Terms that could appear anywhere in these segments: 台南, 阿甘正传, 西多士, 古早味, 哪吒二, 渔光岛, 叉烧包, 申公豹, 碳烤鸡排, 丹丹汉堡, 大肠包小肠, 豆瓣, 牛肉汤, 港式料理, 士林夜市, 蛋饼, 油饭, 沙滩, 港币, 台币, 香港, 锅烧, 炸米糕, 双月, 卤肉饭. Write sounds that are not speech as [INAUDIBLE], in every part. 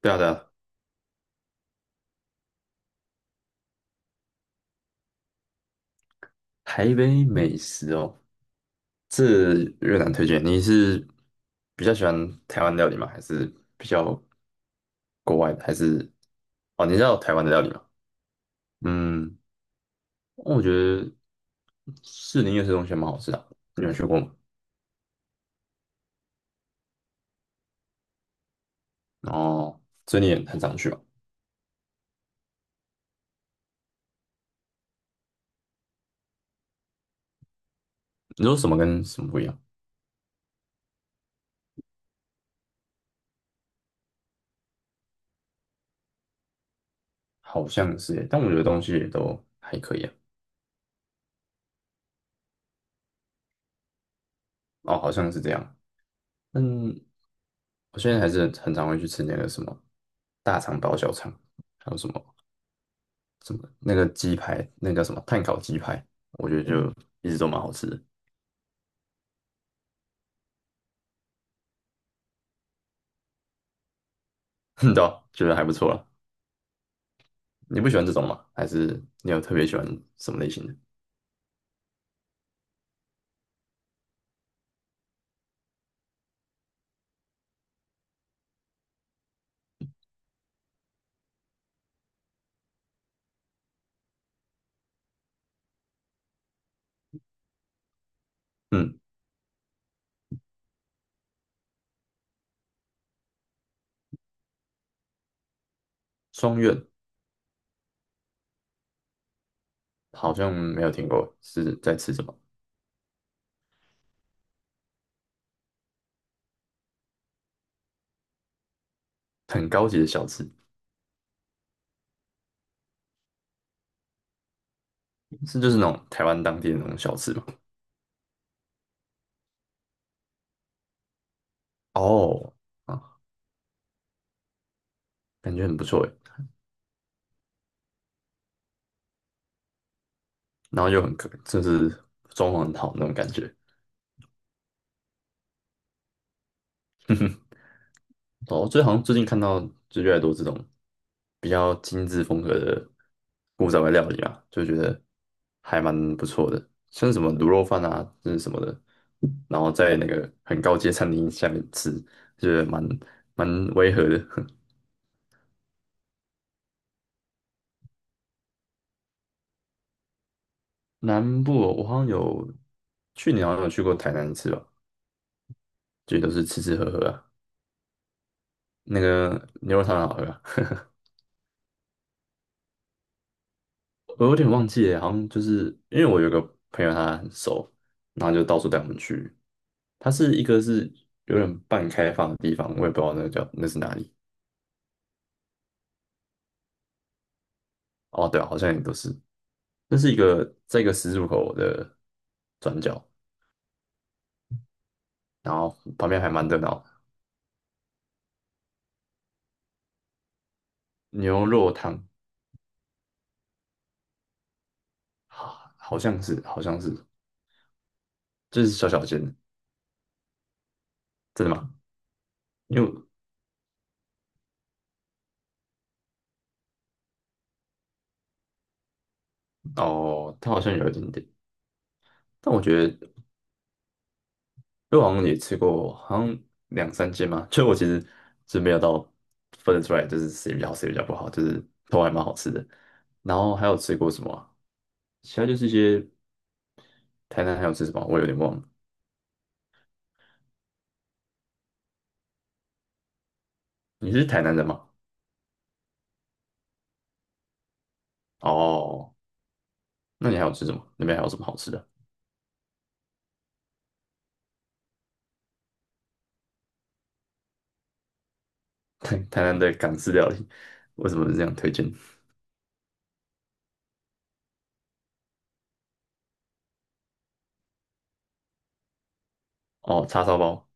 对啊对啊，台北美食哦，这越南推荐。你是比较喜欢台湾料理吗？还是比较国外的？还是哦，你知道台湾的料理吗？嗯，我觉得士林夜市东西还蛮好吃的啊，你有去过吗？哦，所以你也很常去吧？你说什么跟什么不一样？好像是耶，但我觉得东西也都还可以啊。哦，好像是这样。嗯，我现在还是很常会去吃那个什么大肠包小肠，还有什么。什么那个鸡排，那个什么碳烤鸡排，我觉得就一直都蛮好吃的，[LAUGHS] 对啊觉得还不错了。你不喜欢这种吗？还是你有特别喜欢什么类型的？嗯，双月好像没有听过，是在吃什么？很高级的小吃，是就是那种台湾当地的那种小吃吗？哦，啊，感觉很不错诶，然后又很可，就是装潢很好那种感觉。哦，最好像最近看到就越来越多这种比较精致风格的古早味料理啊，就觉得还蛮不错的，像是什么卤肉饭啊，这是什么的，然后在那个很高阶餐厅下面吃，就是蛮违和的。[LAUGHS] 南部哦，我好像有去年好像有去过台南吃次吧，就都是吃吃喝喝啊，那个牛肉汤很好喝啊。[LAUGHS] 我有点忘记了，好像就是因为我有个朋友他很熟，然后就到处带我们去。它是一个是有点半开放的地方，我也不知道那个叫那是哪里。哦，对啊，好像也都是。那是一个在一个十字路口的转角，然后旁边还蛮热闹的。牛肉汤，啊，好像是好像是，就是小小间的。真的吗？因为哦，它好像有一点点，但我觉得我好像也吃过，好像两三间嘛，就我其实是没有到分得出来，就是谁比较好谁比较不好，就是都还蛮好吃的。然后还有吃过什么啊，其他就是一些，台南还有吃什么，我有点忘了。你是台南人吗？哦，那你还有吃什么？那边还有什么好吃的？[LAUGHS] 台台南的港式料理，为什么是这样推荐？哦，叉烧包。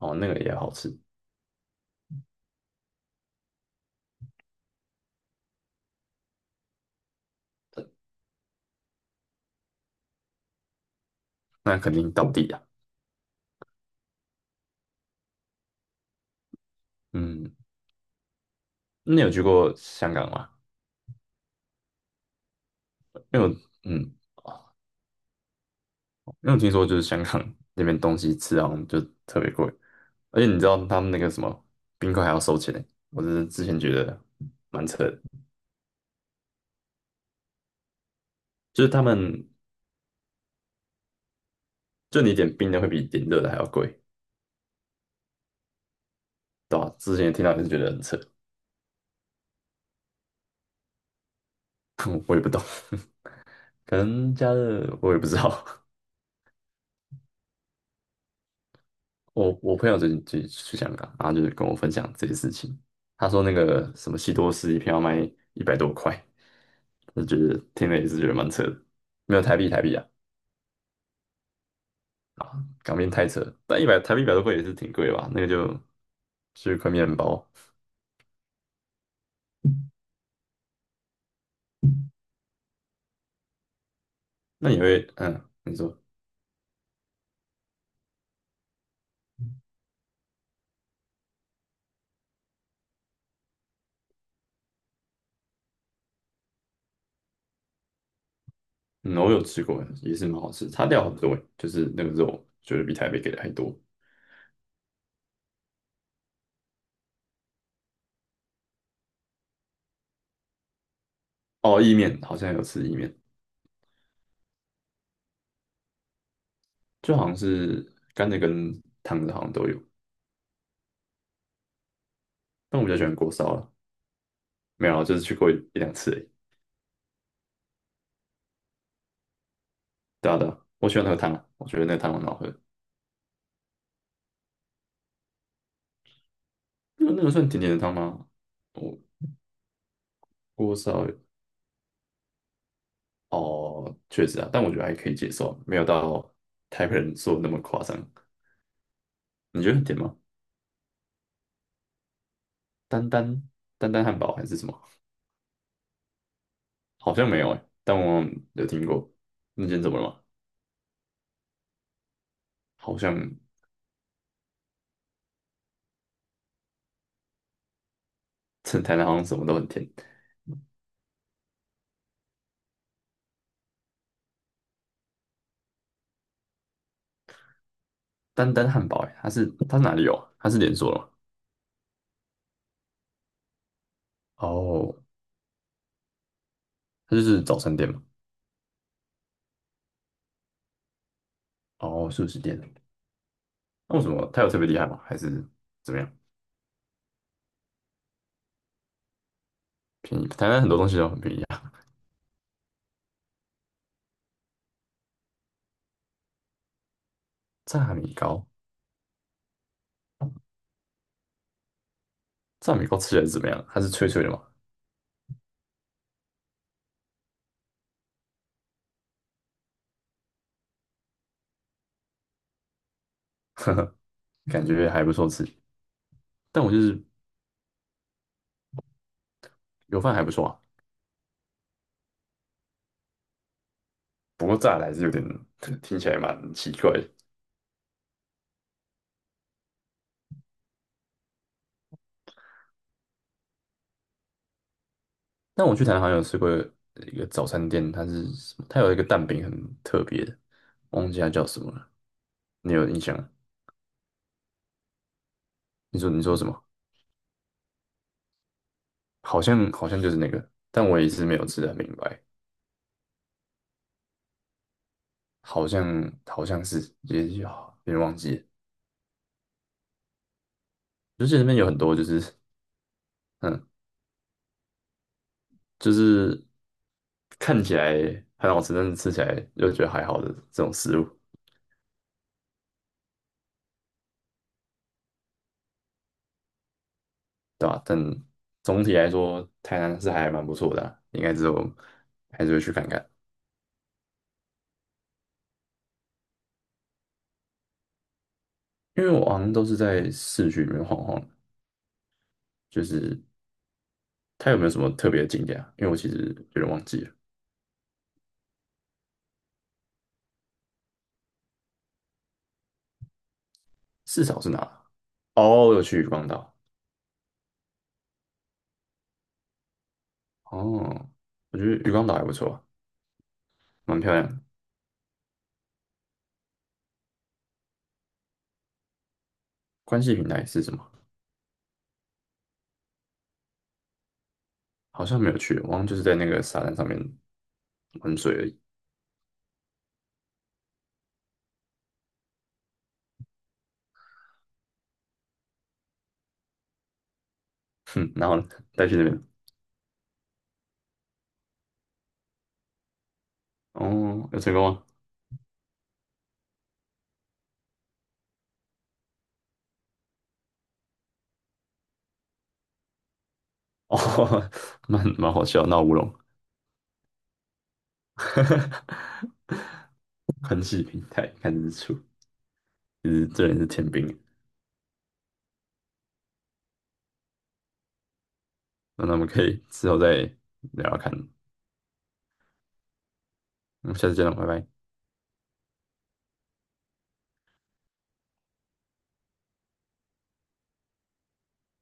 哦，那个也好吃。那肯定道地啊。嗯，那你有去过香港吗？因为我嗯，因为我听说就是香港那边东西吃好像就特别贵，而且你知道他们那个什么冰块还要收钱呢，我是之前觉得蛮扯的，就是他们就你点冰的会比点热的还要贵。对啊，之前听到也是觉得很扯，[LAUGHS] 我也不懂。[LAUGHS] 可能加热我也不知道。[LAUGHS] 我朋友最近去香港，然后就是跟我分享这些事情，他说那个什么西多士一片要卖一百多块，我觉得听了也是觉得蛮扯的。没有，台币台币啊，港币太扯了，但一百台币一百多块也是挺贵的吧？那个就就是块面包。那你会嗯，你说嗯，我有吃过，也是蛮好吃，差料很多欸，就是那个肉觉得比台北给的还多。哦，意面好像有吃意面。就好像是干的跟烫的好像都有，但我比较喜欢锅烧了。没有啊，就是去过一两次而已。对啊对啊，我喜欢喝汤啊，我觉得那个汤很好喝。那个那个算甜甜的汤吗？我锅烧哦，确实啊，但我觉得还可以接受，没有到台北人说的那么夸张。你觉得很甜吗？丹丹，丹丹汉堡还是什么？好像没有哎、但我有听过。那间怎么了吗？好像趁台南好像什么都很甜。丹丹汉堡哎、它是它是哪里有啊？它是连锁的吗？哦，它就是早餐店嘛。哦，素食店。那为什么它有特别厉害吗？还是怎么样？便宜？台南很多东西都很便宜啊。炸米糕，炸米糕吃起来是怎么样？它是脆脆的嘛，感觉还不错吃。但我就是油饭还不错啊，不过炸的还是有点 [LAUGHS] 听起来蛮奇怪的。但我去台南好像有吃过一个早餐店，它是什么？它有一个蛋饼很特别的，忘记它叫什么了。你有印象？你说你说什么？好像好像就是那个，但我也是没有吃的很明白。好像好像是也有，有点忘记了，就记得那边有很多就是嗯，就是看起来很好吃，但是吃起来又觉得还好的这种食物，对吧？但总体来说，台南是还蛮不错的啊，应该之后还是会去看看，因为我好像都是在市区里面晃晃，就是它有没有什么特别的景点啊？因为我其实有点忘记了。四少是哪？哦，有去渔光岛。哦，我觉得渔光岛还不错啊，蛮漂亮的。关系平台是什么？好像没有去，我好像就是在那个沙滩上面玩水而已。哼，然后呢带去那边，哦，有成功吗？哦，[LAUGHS] 蛮蛮好笑，闹乌龙。[LAUGHS] 宽气平台看日出，其实这人是天兵欸。那我们可以之后再聊聊看，嗯，下次见了，拜拜。